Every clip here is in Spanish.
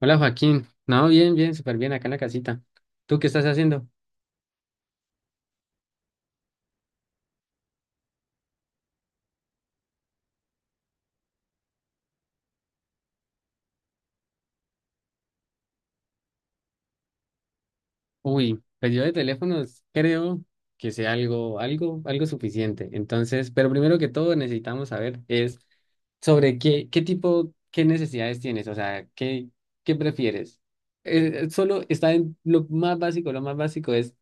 Hola Joaquín, no, bien, bien, súper bien acá en la casita. ¿Tú qué estás haciendo? Uy, pues yo de teléfonos creo que sea algo suficiente. Entonces, pero primero que todo necesitamos saber es sobre qué tipo, qué necesidades tienes, o sea, qué prefieres. Solo está en lo más básico es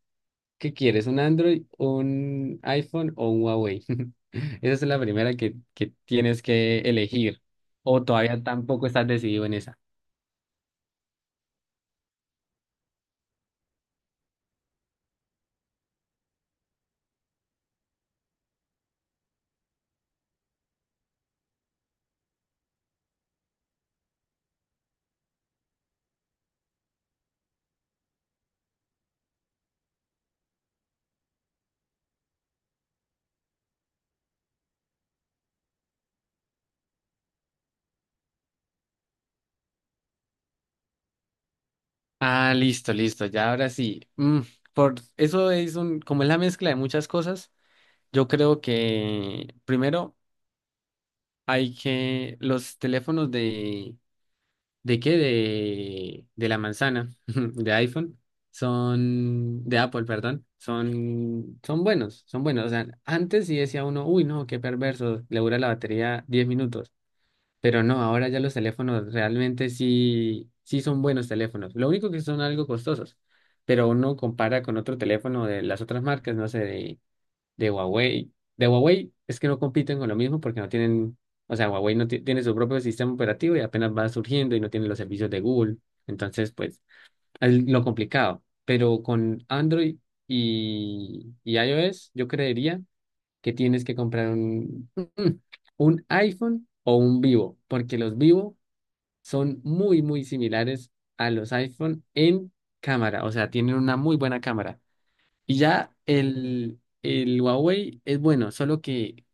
¿qué quieres? ¿Un Android, un iPhone o un Huawei? Esa es la primera que tienes que elegir. O todavía tampoco estás decidido en esa. Ah, listo, listo, ya ahora sí. Por eso es como es la mezcla de muchas cosas, yo creo que primero hay que los teléfonos ¿de qué? De la manzana, de iPhone, son, de Apple, perdón, son buenos, son buenos. O sea, antes sí decía uno, uy, no, qué perverso, le dura la batería 10 minutos. Pero no, ahora ya los teléfonos realmente sí son buenos teléfonos. Lo único que son algo costosos, pero uno compara con otro teléfono de las otras marcas, no sé, de Huawei. De Huawei es que no compiten con lo mismo porque no tienen, o sea, Huawei no tiene su propio sistema operativo y apenas va surgiendo y no tiene los servicios de Google. Entonces, pues, es lo complicado. Pero con Android y iOS, yo creería que tienes que comprar un iPhone o un Vivo, porque los Vivo son muy, muy similares a los iPhone en cámara, o sea, tienen una muy buena cámara. Y ya el Huawei es bueno, solo que,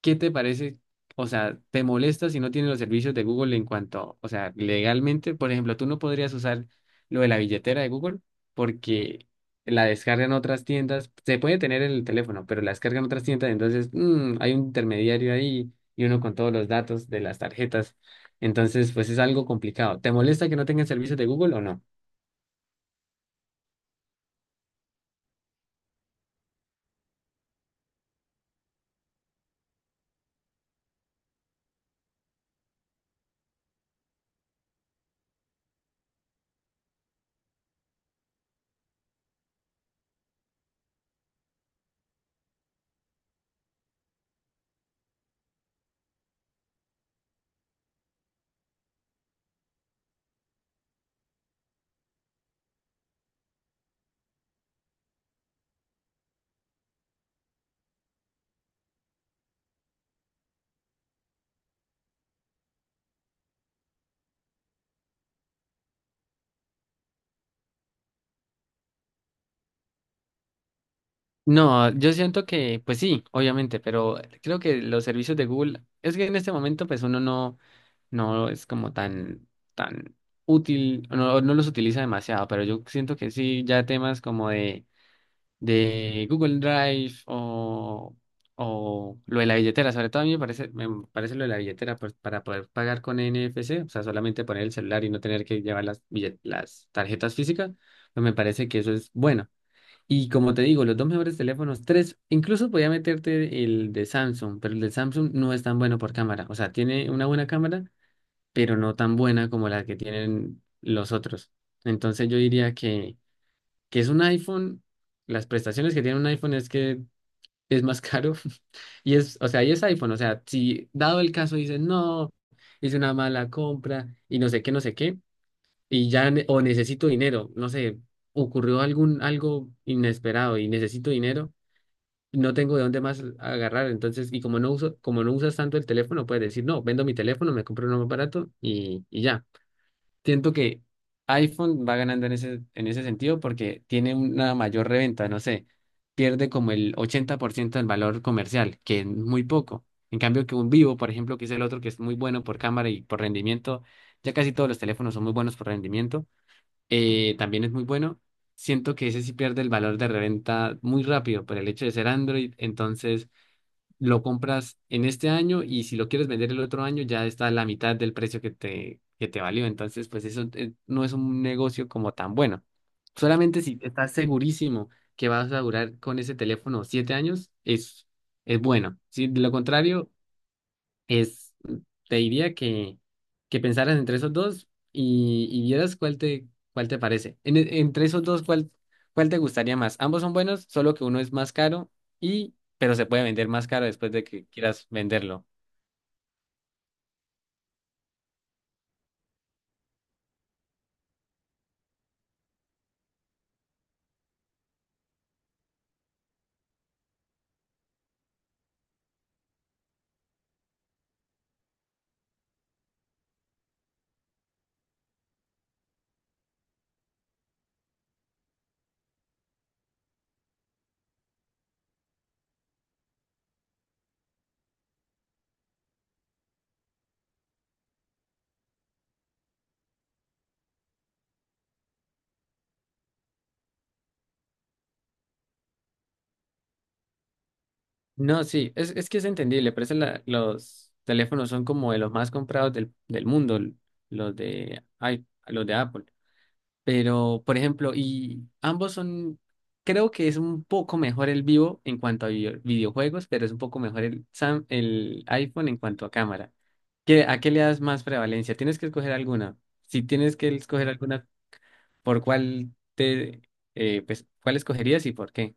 ¿qué te parece? O sea, ¿te molesta si no tiene los servicios de Google en cuanto, o sea, legalmente, por ejemplo, tú no podrías usar lo de la billetera de Google porque la descargan otras tiendas, se puede tener en el teléfono, pero la descargan otras tiendas, entonces hay un intermediario ahí y uno con todos los datos de las tarjetas, entonces pues es algo complicado. ¿Te molesta que no tengan servicios de Google o no? No, yo siento que, pues sí, obviamente, pero creo que los servicios de Google, es que en este momento, pues uno no es como tan útil, no los utiliza demasiado, pero yo siento que sí, ya temas como de, Google Drive o lo de la billetera, sobre todo a mí me parece lo de la billetera pues, para poder pagar con NFC, o sea, solamente poner el celular y no tener que llevar las tarjetas físicas, pues me parece que eso es bueno. Y como te digo, los dos mejores teléfonos, tres, incluso podía meterte el de Samsung, pero el de Samsung no es tan bueno por cámara. O sea, tiene una buena cámara, pero no tan buena como la que tienen los otros. Entonces yo diría que es un iPhone. Las prestaciones que tiene un iPhone es que es más caro. Y es, o sea, y es iPhone. O sea, si dado el caso dices, no, hice una mala compra y no sé qué, no sé qué, y ya, o necesito dinero, no sé, ocurrió algo inesperado y necesito dinero, no tengo de dónde más agarrar, entonces, y como no usas tanto el teléfono, puedes decir, no, vendo mi teléfono, me compro uno más barato y ya. Siento que iPhone va ganando en ese sentido porque tiene una mayor reventa, no sé, pierde como el 80% del valor comercial, que es muy poco. En cambio que un Vivo, por ejemplo, que es el otro que es muy bueno por cámara y por rendimiento, ya casi todos los teléfonos son muy buenos por rendimiento, también es muy bueno. Siento que ese sí pierde el valor de reventa muy rápido por el hecho de ser Android. Entonces lo compras en este año y si lo quieres vender el otro año ya está a la mitad del precio que te valió. Entonces pues eso, no es un negocio como tan bueno. Solamente si estás segurísimo que vas a durar con ese teléfono 7 años es bueno. Si de lo contrario es, te diría que pensaras entre esos dos y vieras cuál te parece. Entre esos dos, ¿Cuál te gustaría más? Ambos son buenos, solo que uno es más caro pero se puede vender más caro después de que quieras venderlo. No, sí, es que es entendible, por eso los teléfonos son como de los más comprados del, del mundo, ay, los de Apple. Pero, por ejemplo, y ambos son, creo que es un poco mejor el vivo en cuanto a videojuegos, pero es un poco mejor el iPhone en cuanto a cámara. ¿A qué le das más prevalencia? Tienes que escoger alguna. Si tienes que escoger alguna, ¿por cuál te, pues, cuál escogerías y por qué?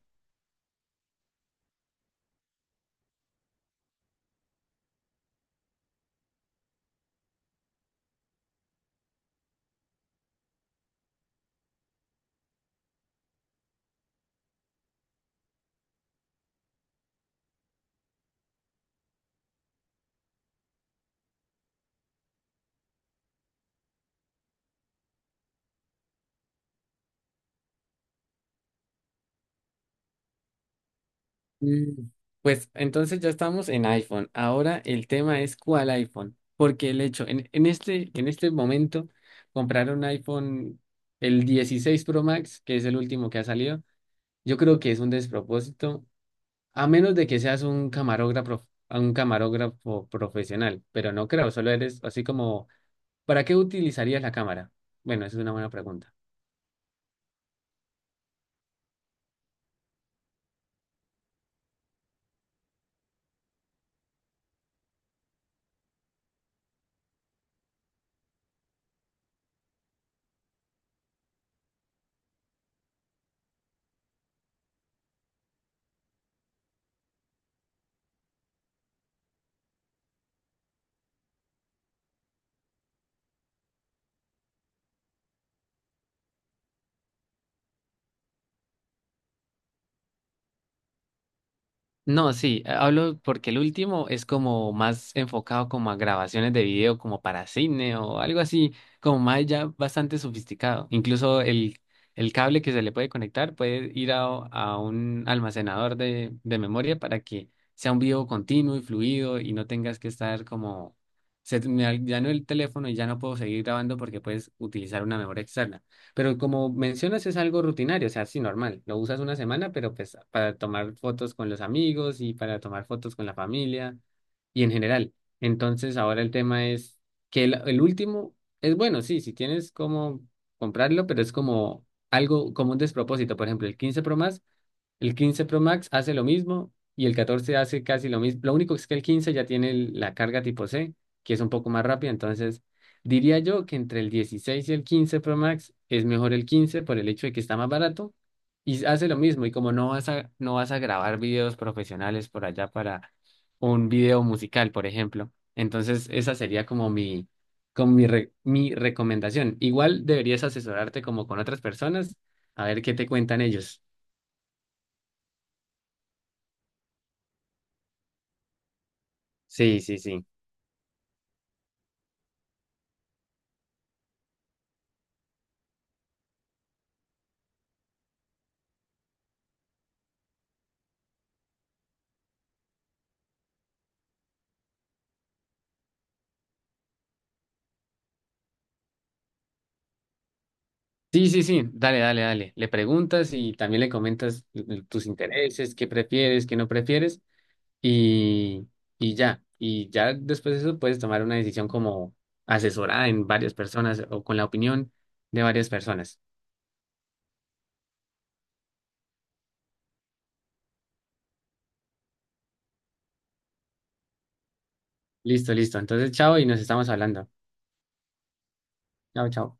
Mm. Pues entonces ya estamos en iPhone. Ahora el tema es cuál iPhone. Porque el hecho, en este, en este, momento, comprar un iPhone, el 16 Pro Max, que es el último que ha salido, yo creo que es un despropósito, a menos de que seas un camarógrafo profesional. Pero no creo, solo eres así como, ¿para qué utilizarías la cámara? Bueno, esa es una buena. No, sí, hablo porque el último es como más enfocado como a grabaciones de video, como para cine o algo así, como más ya bastante sofisticado. Incluso el cable que se le puede conectar puede ir a un almacenador de memoria para que sea un video continuo y fluido y no tengas que estar como, me dañó el teléfono y ya no puedo seguir grabando porque puedes utilizar una memoria externa. Pero como mencionas, es algo rutinario, o sea, sí, normal. Lo usas una semana, pero pues para tomar fotos con los amigos y para tomar fotos con la familia y en general. Entonces, ahora el tema es que el último es bueno, sí, si tienes como comprarlo, pero es como algo, como un despropósito. Por ejemplo, el 15 Pro más el 15 Pro Max hace lo mismo y el 14 hace casi lo mismo. Lo único es que el 15 ya tiene la carga tipo C, que es un poco más rápida. Entonces, diría yo que entre el 16 y el 15 Pro Max es mejor el 15 por el hecho de que está más barato y hace lo mismo. Y como no vas a grabar videos profesionales por allá para un video musical, por ejemplo. Entonces, esa sería mi recomendación. Igual deberías asesorarte como con otras personas a ver qué te cuentan ellos. Sí, sí, sí. Sí, sí, sí, dale, dale, dale. Le preguntas y también le comentas tus intereses, qué prefieres, qué no prefieres y, y ya. Y ya después de eso puedes tomar una decisión como asesorada en varias personas o con la opinión de varias personas. Listo, listo. Entonces, chao y nos estamos hablando. Chao, chao.